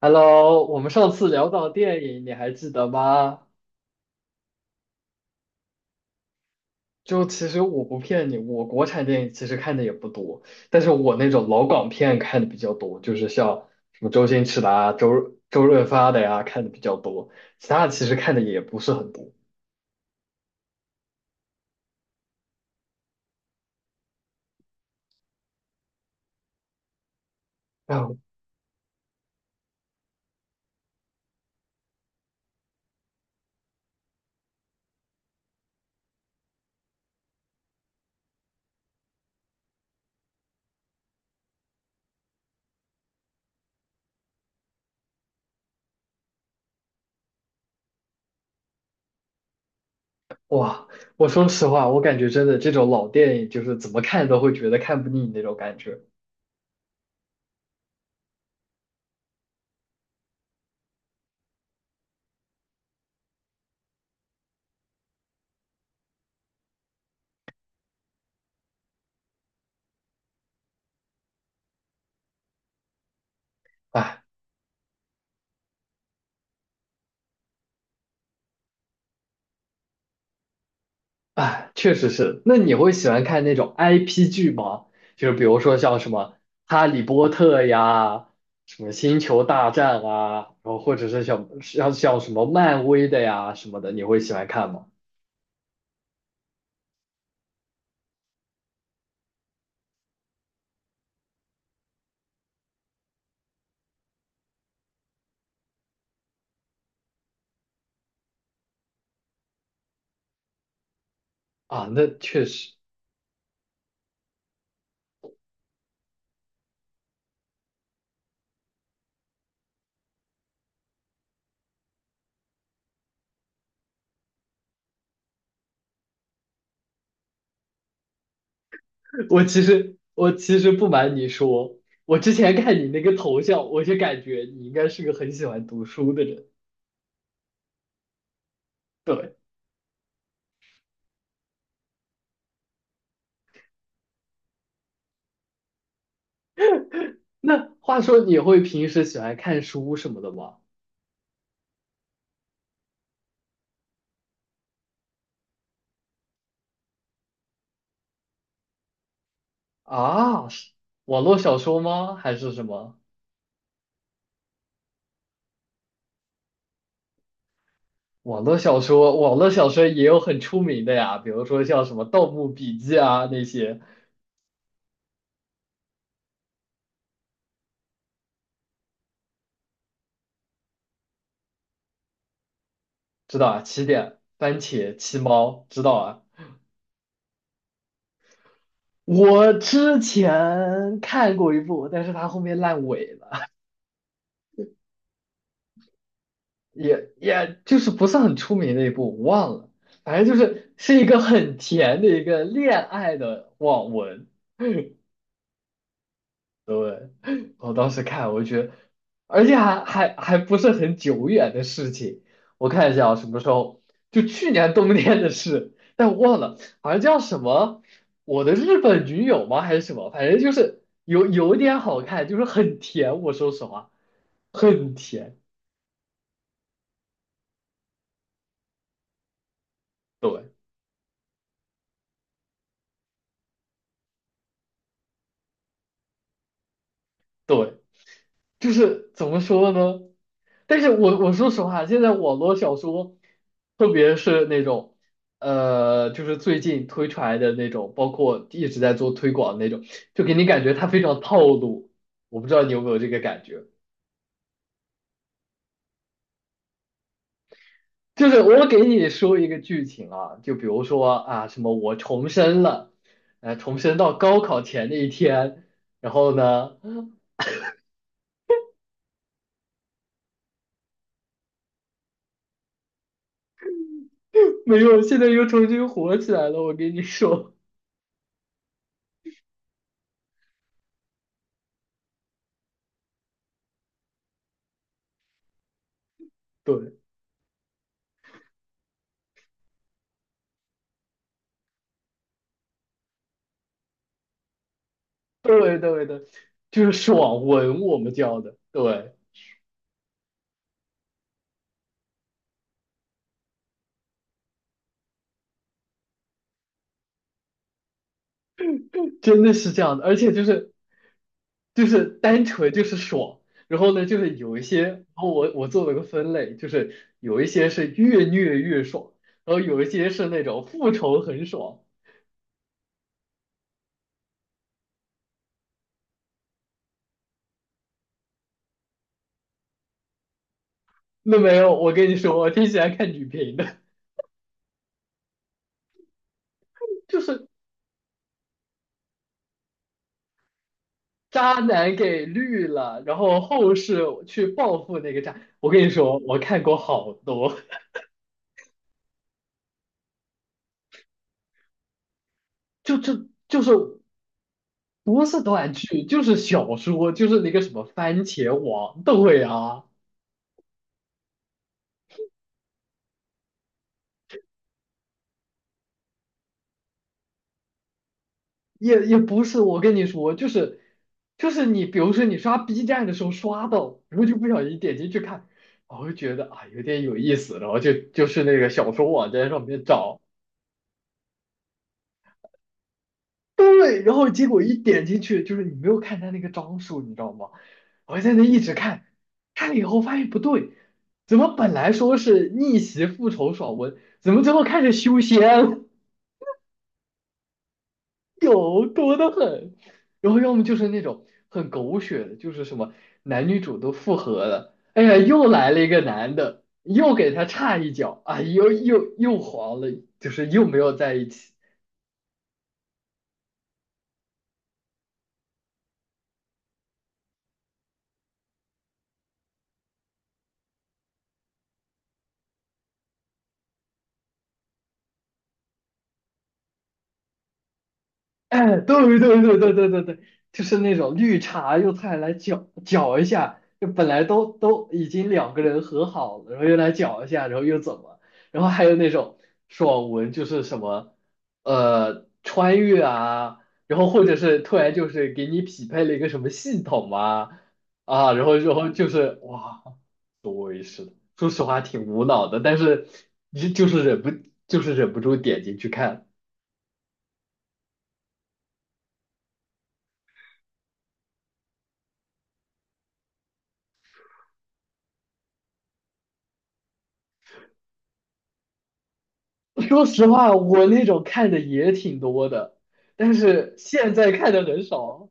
Hello，我们上次聊到电影，你还记得吗？就其实我不骗你，我国产电影其实看的也不多，但是我那种老港片看的比较多，就是像什么周星驰的啊、周润发的呀、看的比较多，其他的其实看的也不是很多。啊，哇，我说实话，我感觉真的这种老电影就是怎么看都会觉得看不腻那种感觉。唉哎，确实是。那你会喜欢看那种 IP 剧吗？就是比如说像什么《哈利波特》呀，什么《星球大战》啊，然后或者是像什么漫威的呀什么的，你会喜欢看吗？啊，那确实。我其实不瞒你说，我之前看你那个头像，我就感觉你应该是个很喜欢读书的人。对，那话说你会平时喜欢看书什么的吗？啊，是网络小说吗？还是什么？网络小说，网络小说也有很出名的呀，比如说像什么《盗墓笔记》啊那些，知道啊？起点、番茄、七猫，知道啊？我之前看过一部，但是它后面烂尾了，也就是不是很出名的一部，我忘了。反正就是是一个很甜的一个恋爱的网文，对，我当时看，我就觉得，而且还不是很久远的事情。我看一下啊，什么时候？就去年冬天的事，但我忘了，好像叫什么“我的日本女友”吗？还是什么？反正就是有一点好看，就是很甜。我说实话，很甜。对对。就是怎么说呢？但是我说实话，现在网络小说，特别是那种，就是最近推出来的那种，包括一直在做推广的那种，就给你感觉它非常套路。我不知道你有没有这个感觉，就是我给你说一个剧情啊，就比如说啊，什么我重生了，重生到高考前的一天，然后呢，没有，现在又重新火起来了。我给你说，对。对对对，就是爽文，我们叫的，对，真的是这样的，而且就是单纯就是爽，然后呢，就是有一些，然后我做了个分类，就是有一些是越虐越爽，然后有一些是那种复仇很爽。那没有，我跟你说，我挺喜欢看女频的，就是渣男给绿了，然后后世去报复那个渣。我跟你说，我看过好多，就是。不是短剧，就是小说，就是那个什么番茄王，对啊，也不是。我跟你说，就是你，比如说你刷 B 站的时候刷到，然后就不小心点进去看，然后就觉得啊有点有意思，然后就是那个小说网站上面找，对，然后结果一点进去，就是你没有看他那个章数，你知道吗？我在那一直看，看了以后发现不对，怎么本来说是逆袭复仇爽文，怎么最后开始修仙了？有多的很，然后要么就是那种很狗血的，就是什么男女主都复合了，哎呀，又来了一个男的，又给他插一脚，啊，又黄了，就是又没有在一起。哎，对对对对对对对，就是那种绿茶用菜来搅搅一下，就本来都已经两个人和好了，然后又来搅一下，然后又怎么，然后还有那种爽文，就是什么穿越啊，然后或者是突然就是给你匹配了一个什么系统啊，然后就是哇，对是的，说实话挺无脑的，但是你就是忍不住点进去看。说实话，我那种看的也挺多的，但是现在看的很少，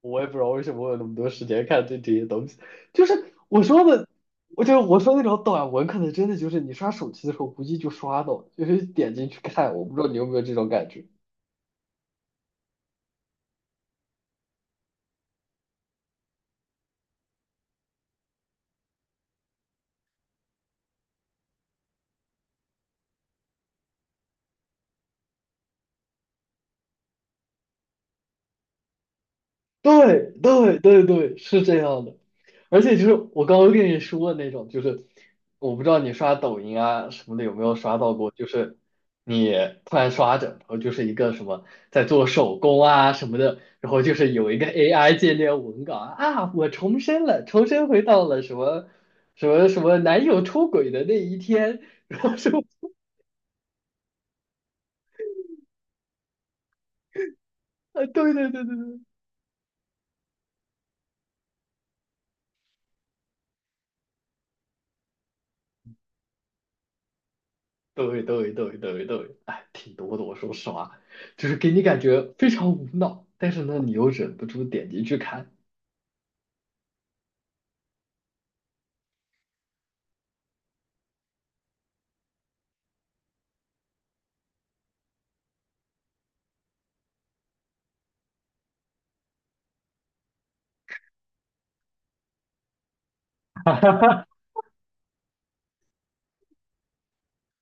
我也不知道为什么我有那么多时间看这些东西。就是我说的，我说那种短文，可能真的就是你刷手机的时候，估计就刷到，就是点进去看。我不知道你有没有这种感觉。对对对对，是这样的。而且就是我刚刚跟你说的那种，就是我不知道你刷抖音啊什么的有没有刷到过，就是你突然刷着，然后就是一个什么在做手工啊什么的，然后就是有一个 AI 界面文稿啊，啊我重生了，重生回到了什么什么男友出轨的那一天，然后说啊，对对对对对，对对对对对，哎，挺多的。我说实话，就是给你感觉非常无脑，但是呢，你又忍不住点进去看。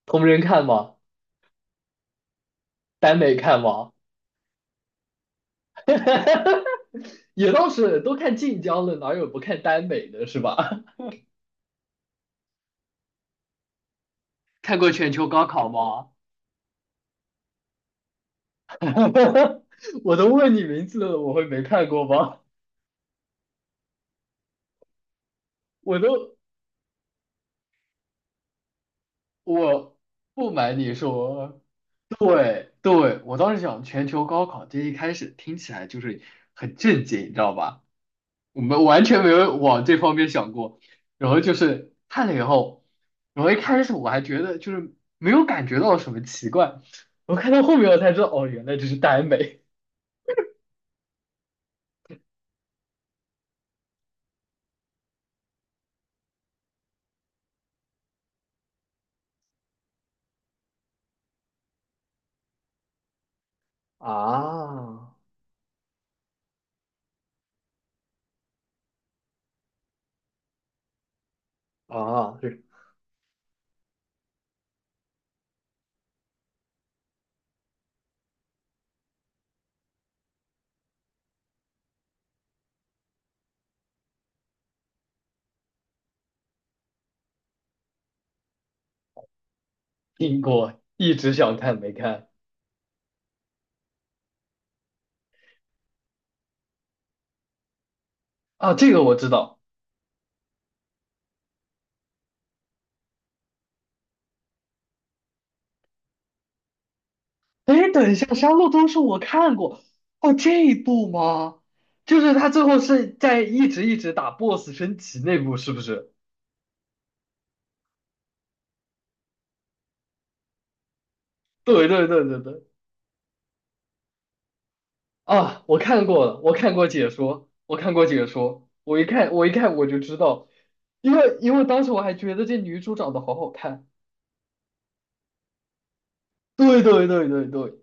同人看吗？耽美看吗？也倒是，都看晋江了，哪有不看耽美的，是吧？看过《全球高考》吗？我都问你名字了，我会没看过吗？我都，我不瞒你说，对对，我当时想《全球高考》这一开始听起来就是很震惊，你知道吧？我们完全没有往这方面想过。然后就是看了以后，然后一开始我还觉得就是没有感觉到什么奇怪，我看到后面我才知道，哦，原来这是耽美。啊啊，是听过，一直想看没看啊，这个我知道。哎，等一下，《杀戮都市》我看过，哦，这一部吗？就是他最后是在一直打 BOSS 升级那部，是不是？对对对对对，啊，我看过了，我看过解说，我看过解说，我一看，我一看我就知道，因为当时我还觉得这女主长得好好看。对对对对对，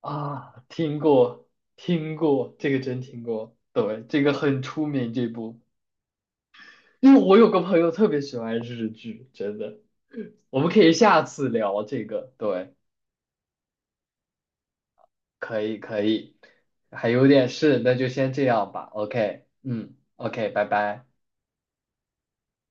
啊，听过听过，这个真听过，对，这个很出名这部，因为我有个朋友特别喜欢日剧，真的，我们可以下次聊这个，对，可以可以，还有点事，那就先这样吧，OK，嗯，OK，拜拜。